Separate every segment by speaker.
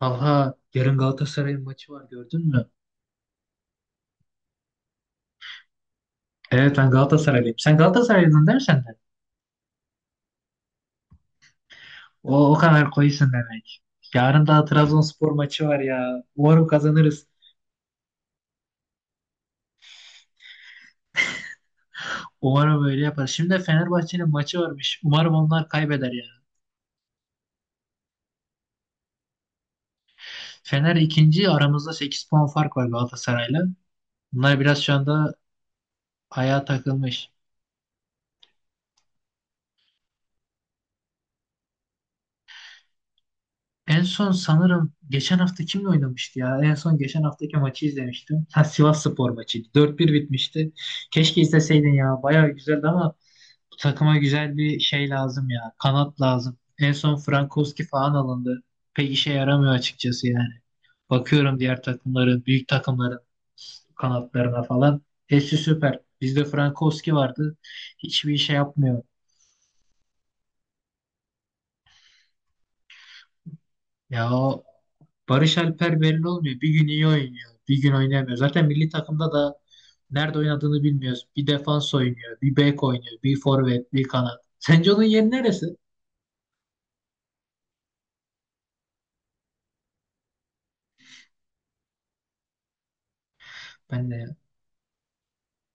Speaker 1: Talha, yarın Galatasaray'ın maçı var, gördün mü? Evet, ben Galatasaraylıyım. Sen Galatasaraylıydın değil mi sen de? O, o kadar koyusun demek. Yarın da Trabzonspor maçı var ya. Umarım kazanırız. Umarım öyle yaparız. Şimdi de Fenerbahçe'nin maçı varmış. Umarım onlar kaybeder ya. Fener ikinci, aramızda 8 puan fark var Galatasaray'la. Bunlar biraz şu anda ayağa takılmış. En son sanırım geçen hafta kimle oynamıştı ya? En son geçen haftaki maçı izlemiştim. Ha, Sivasspor maçıydı. 4-1 bitmişti. Keşke izleseydin ya. Bayağı güzeldi ama bu takıma güzel bir şey lazım ya. Kanat lazım. En son Frankowski falan alındı. Pek işe yaramıyor açıkçası yani. Bakıyorum diğer takımların, büyük takımların kanatlarına falan. Hepsi süper. Bizde Frankowski vardı. Hiçbir şey yapmıyor. Ya o Barış Alper belli olmuyor. Bir gün iyi oynuyor, bir gün oynamıyor. Zaten milli takımda da nerede oynadığını bilmiyoruz. Bir defans oynuyor, bir bek oynuyor, bir forvet, bir kanat. Sence onun yeri neresi? Ben de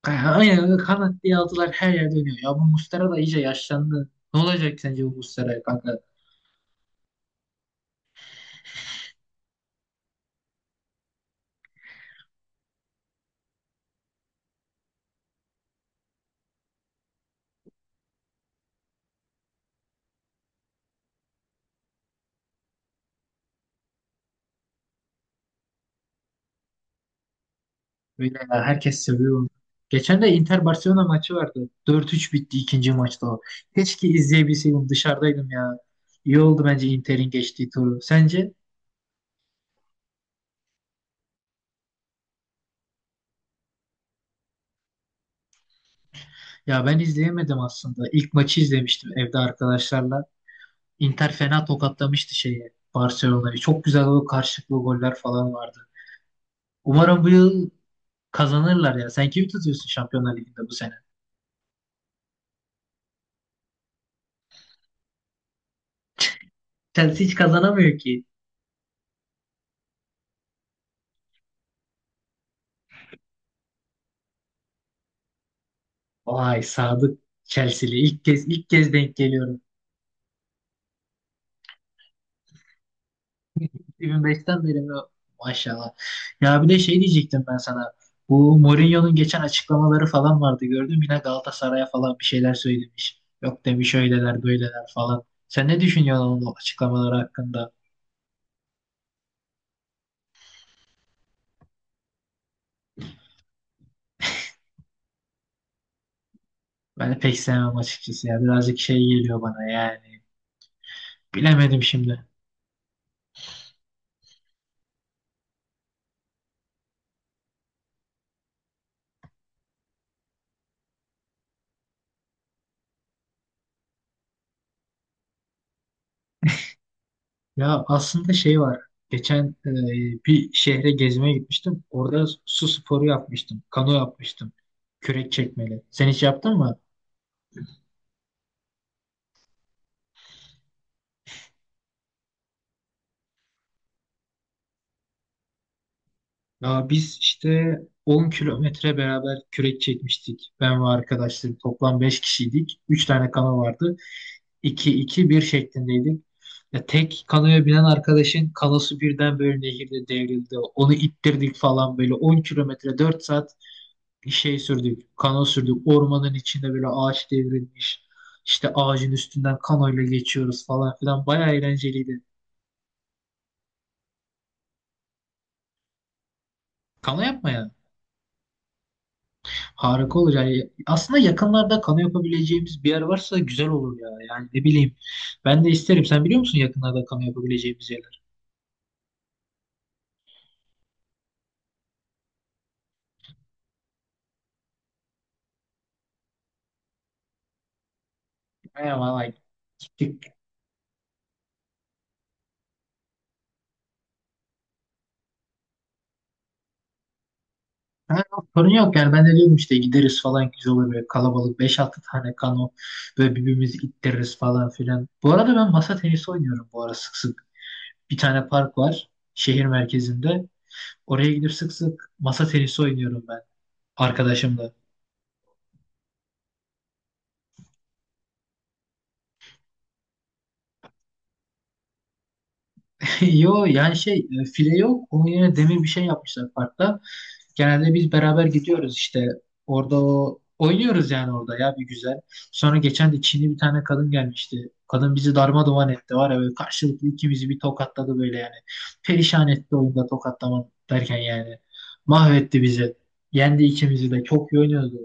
Speaker 1: aynen kanat diye aldılar, her yerde oynuyor. Ya bu Muslera da iyice yaşlandı. Ne olacak sence bu Muslera kanka? Öyle ya, herkes seviyor onu. Geçen de Inter Barcelona maçı vardı. 4-3 bitti ikinci maçta o. Keşke izleyebilseydim, dışarıdaydım ya. İyi oldu bence Inter'in geçtiği turu. Sence? Ya ben izleyemedim aslında. İlk maçı izlemiştim evde arkadaşlarla. Inter fena tokatlamıştı şeyi, Barcelona'yı. Çok güzel o karşılıklı goller falan vardı. Umarım bu yıl kazanırlar ya. Sen kimi tutuyorsun Şampiyonlar Ligi'nde bu sene? Chelsea hiç kazanamıyor ki. Vay, Sadık Chelsea'li. İlk kez denk geliyorum. 2005'ten beri mi? Maşallah. Ya bir de şey diyecektim ben sana. Bu Mourinho'nun geçen açıklamaları falan vardı, gördüm. Yine Galatasaray'a falan bir şeyler söylemiş. Yok demiş, öyleler böyleler falan. Sen ne düşünüyorsun onun açıklamaları hakkında? Ben pek sevmem açıkçası ya. Birazcık şey geliyor bana yani. Bilemedim şimdi. Ya aslında şey var. Geçen bir şehre gezmeye gitmiştim. Orada su sporu yapmıştım. Kano yapmıştım. Kürek çekmeli. Sen hiç yaptın mı? Ya biz işte 10 kilometre beraber kürek çekmiştik. Ben ve arkadaşlarım toplam 5 kişiydik. Üç tane kano vardı. İki iki bir şeklindeydik. Ya tek kanoya binen arkadaşın kanosu birden böyle nehirde devrildi. Onu ittirdik falan, böyle 10 kilometre 4 saat şey sürdük. Kano sürdük. Ormanın içinde böyle ağaç devrilmiş. İşte ağacın üstünden kanoyla geçiyoruz falan filan. Bayağı eğlenceliydi. Kano yapma harika olur yani. Aslında yakınlarda kano yapabileceğimiz bir yer varsa güzel olur ya. Yani ne bileyim. Ben de isterim. Sen biliyor musun yakınlarda kano yapabileceğimiz yerler? Aynen vallahi, gittik. Ha, sorun yok yani. Ben de diyordum işte gideriz falan, güzel olur böyle kalabalık. Beş altı tane kano, böyle birbirimizi ittiririz falan filan. Bu arada ben masa tenisi oynuyorum bu ara sık sık. Bir tane park var şehir merkezinde. Oraya gidip sık sık masa tenisi oynuyorum ben arkadaşımla. Yo yani şey file yok. Onun yerine demir bir şey yapmışlar parkta. Genelde biz beraber gidiyoruz işte. Orada o oynuyoruz yani, orada ya bir güzel. Sonra geçen de Çinli bir tane kadın gelmişti. Kadın bizi darmadağın etti var ya, böyle karşılıklı ikimizi bir tokatladı böyle yani. Perişan etti oyunda, tokatlama derken yani. Mahvetti bizi. Yendi ikimizi de, çok iyi oynuyordu.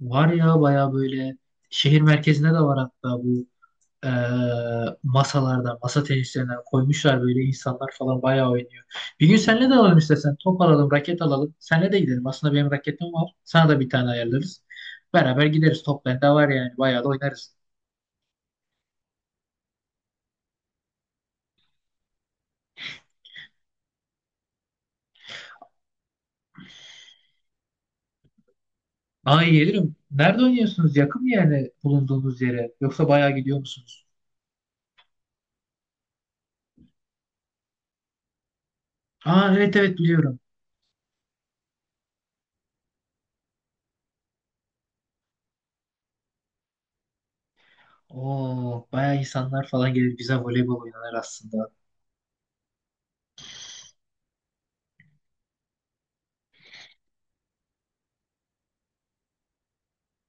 Speaker 1: Var ya, baya böyle şehir merkezinde de var hatta bu. e, Masalardan, masa tenislerinden koymuşlar, böyle insanlar falan bayağı oynuyor. Bir gün seninle de alalım istersen. Top alalım, raket alalım. Seninle de gidelim. Aslında benim raketim var. Sana da bir tane ayarlarız. Beraber gideriz. Top bende var yani. Bayağı da oynarız. Aa, iyi gelirim. Nerede oynuyorsunuz? Yakın bir yere, bulunduğunuz yere. Yoksa bayağı gidiyor musunuz? Aa, evet evet, biliyorum. Oo, bayağı insanlar falan gelir. Güzel voleybol oynanır aslında.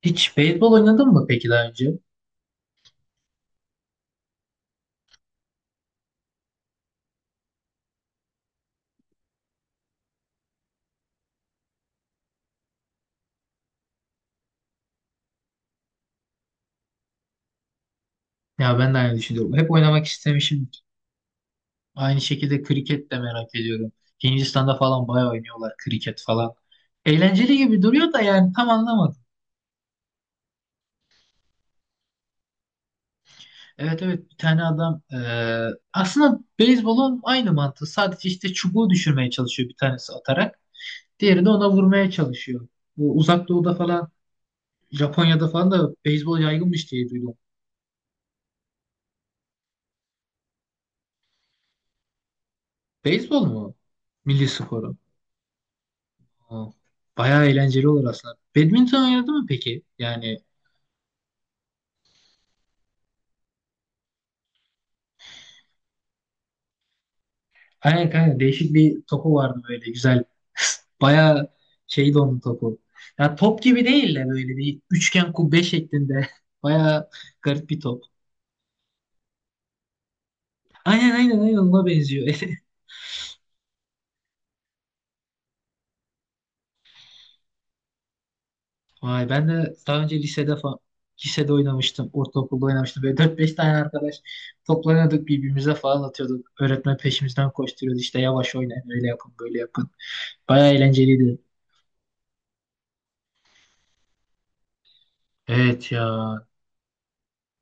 Speaker 1: Hiç beyzbol oynadın mı peki daha önce? Ya ben de aynı düşünüyorum. Hep oynamak istemişim. Aynı şekilde kriket de merak ediyorum. Hindistan'da falan bayağı oynuyorlar kriket falan. Eğlenceli gibi duruyor da yani, tam anlamadım. Evet evet, bir tane adam aslında beyzbolun aynı mantığı. Sadece işte çubuğu düşürmeye çalışıyor bir tanesi atarak. Diğeri de ona vurmaya çalışıyor. Bu Uzak Doğu'da falan, Japonya'da falan da beyzbol yaygınmış diye duydum. Beyzbol mu? Milli sporu. Ha, bayağı eğlenceli olur aslında. Badminton oynadı mı peki? Yani aynen kanka, değişik bir topu vardı böyle, güzel. Bayağı şeydi onun topu. Ya top gibi değil de böyle bir üçgen kubbe şeklinde. Bayağı garip bir top. Aynen aynen aynen, ona benziyor. Vay, ben de daha önce lisede oynamıştım. Ortaokulda oynamıştım. Böyle dört beş tane arkadaş toplanıyorduk, birbirimize falan atıyorduk. Öğretmen peşimizden koşturuyordu, işte yavaş oynayın, öyle yapın, böyle yapın. Bayağı eğlenceliydi. Evet ya.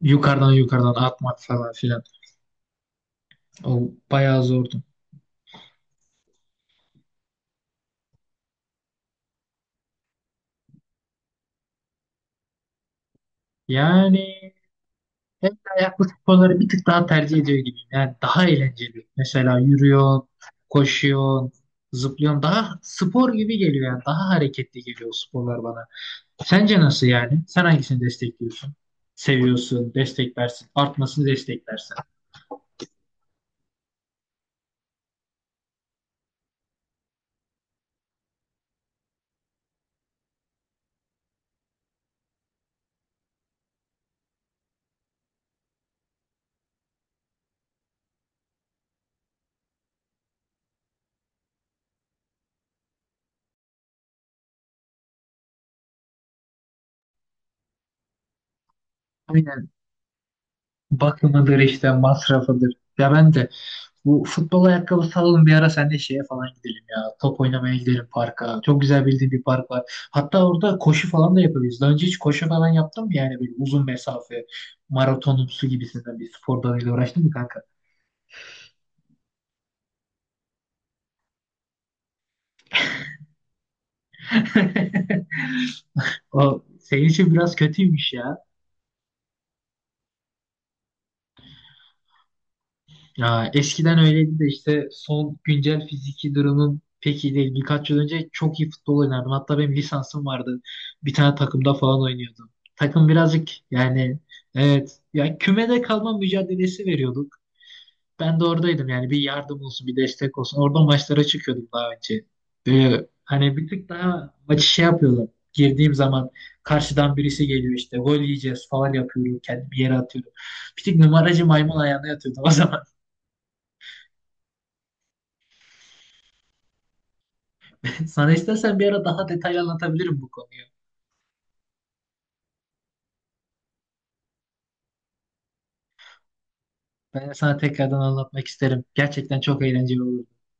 Speaker 1: Yukarıdan yukarıdan atmak falan filan. O bayağı zordu. Yani el ayaklı sporları bir tık daha tercih ediyor gibiyim. Yani daha eğlenceli. Mesela yürüyorsun, koşuyorsun, zıplıyorsun. Daha spor gibi geliyor yani. Daha hareketli geliyor o sporlar bana. Sence nasıl yani? Sen hangisini destekliyorsun? Seviyorsun, desteklersin. Artmasını desteklersin. Aynen. Bakımıdır, işte masrafıdır. Ya ben de bu futbol ayakkabısı alalım bir ara, sen de şeye falan gidelim ya. Top oynamaya gidelim parka. Çok güzel bildiğim bir park var. Hatta orada koşu falan da yapabiliriz. Daha önce hiç koşu falan yaptın mı, yani böyle uzun mesafe maratonumsu gibisinden bir spor dalıyla uğraştın mı kanka? O senin için biraz kötüymüş ya. Ya eskiden öyleydi de işte son güncel fiziki durumum pek iyi değil. Birkaç yıl önce çok iyi futbol oynardım. Hatta benim lisansım vardı. Bir tane takımda falan oynuyordum. Takım birazcık yani, evet ya, kümede kalma mücadelesi veriyorduk. Ben de oradaydım yani, bir yardım olsun bir destek olsun. Oradan maçlara çıkıyordum daha önce. Böyle hani bir tık daha maçı şey yapıyordum. Girdiğim zaman karşıdan birisi geliyor, işte gol yiyeceğiz falan yapıyorum. Kendimi yere atıyorum. Bir tık numaracı, maymun ayağına yatıyordum o zaman. Sana istersen bir ara daha detaylı anlatabilirim bu konuyu. Ben sana tekrardan anlatmak isterim. Gerçekten çok eğlenceli olur.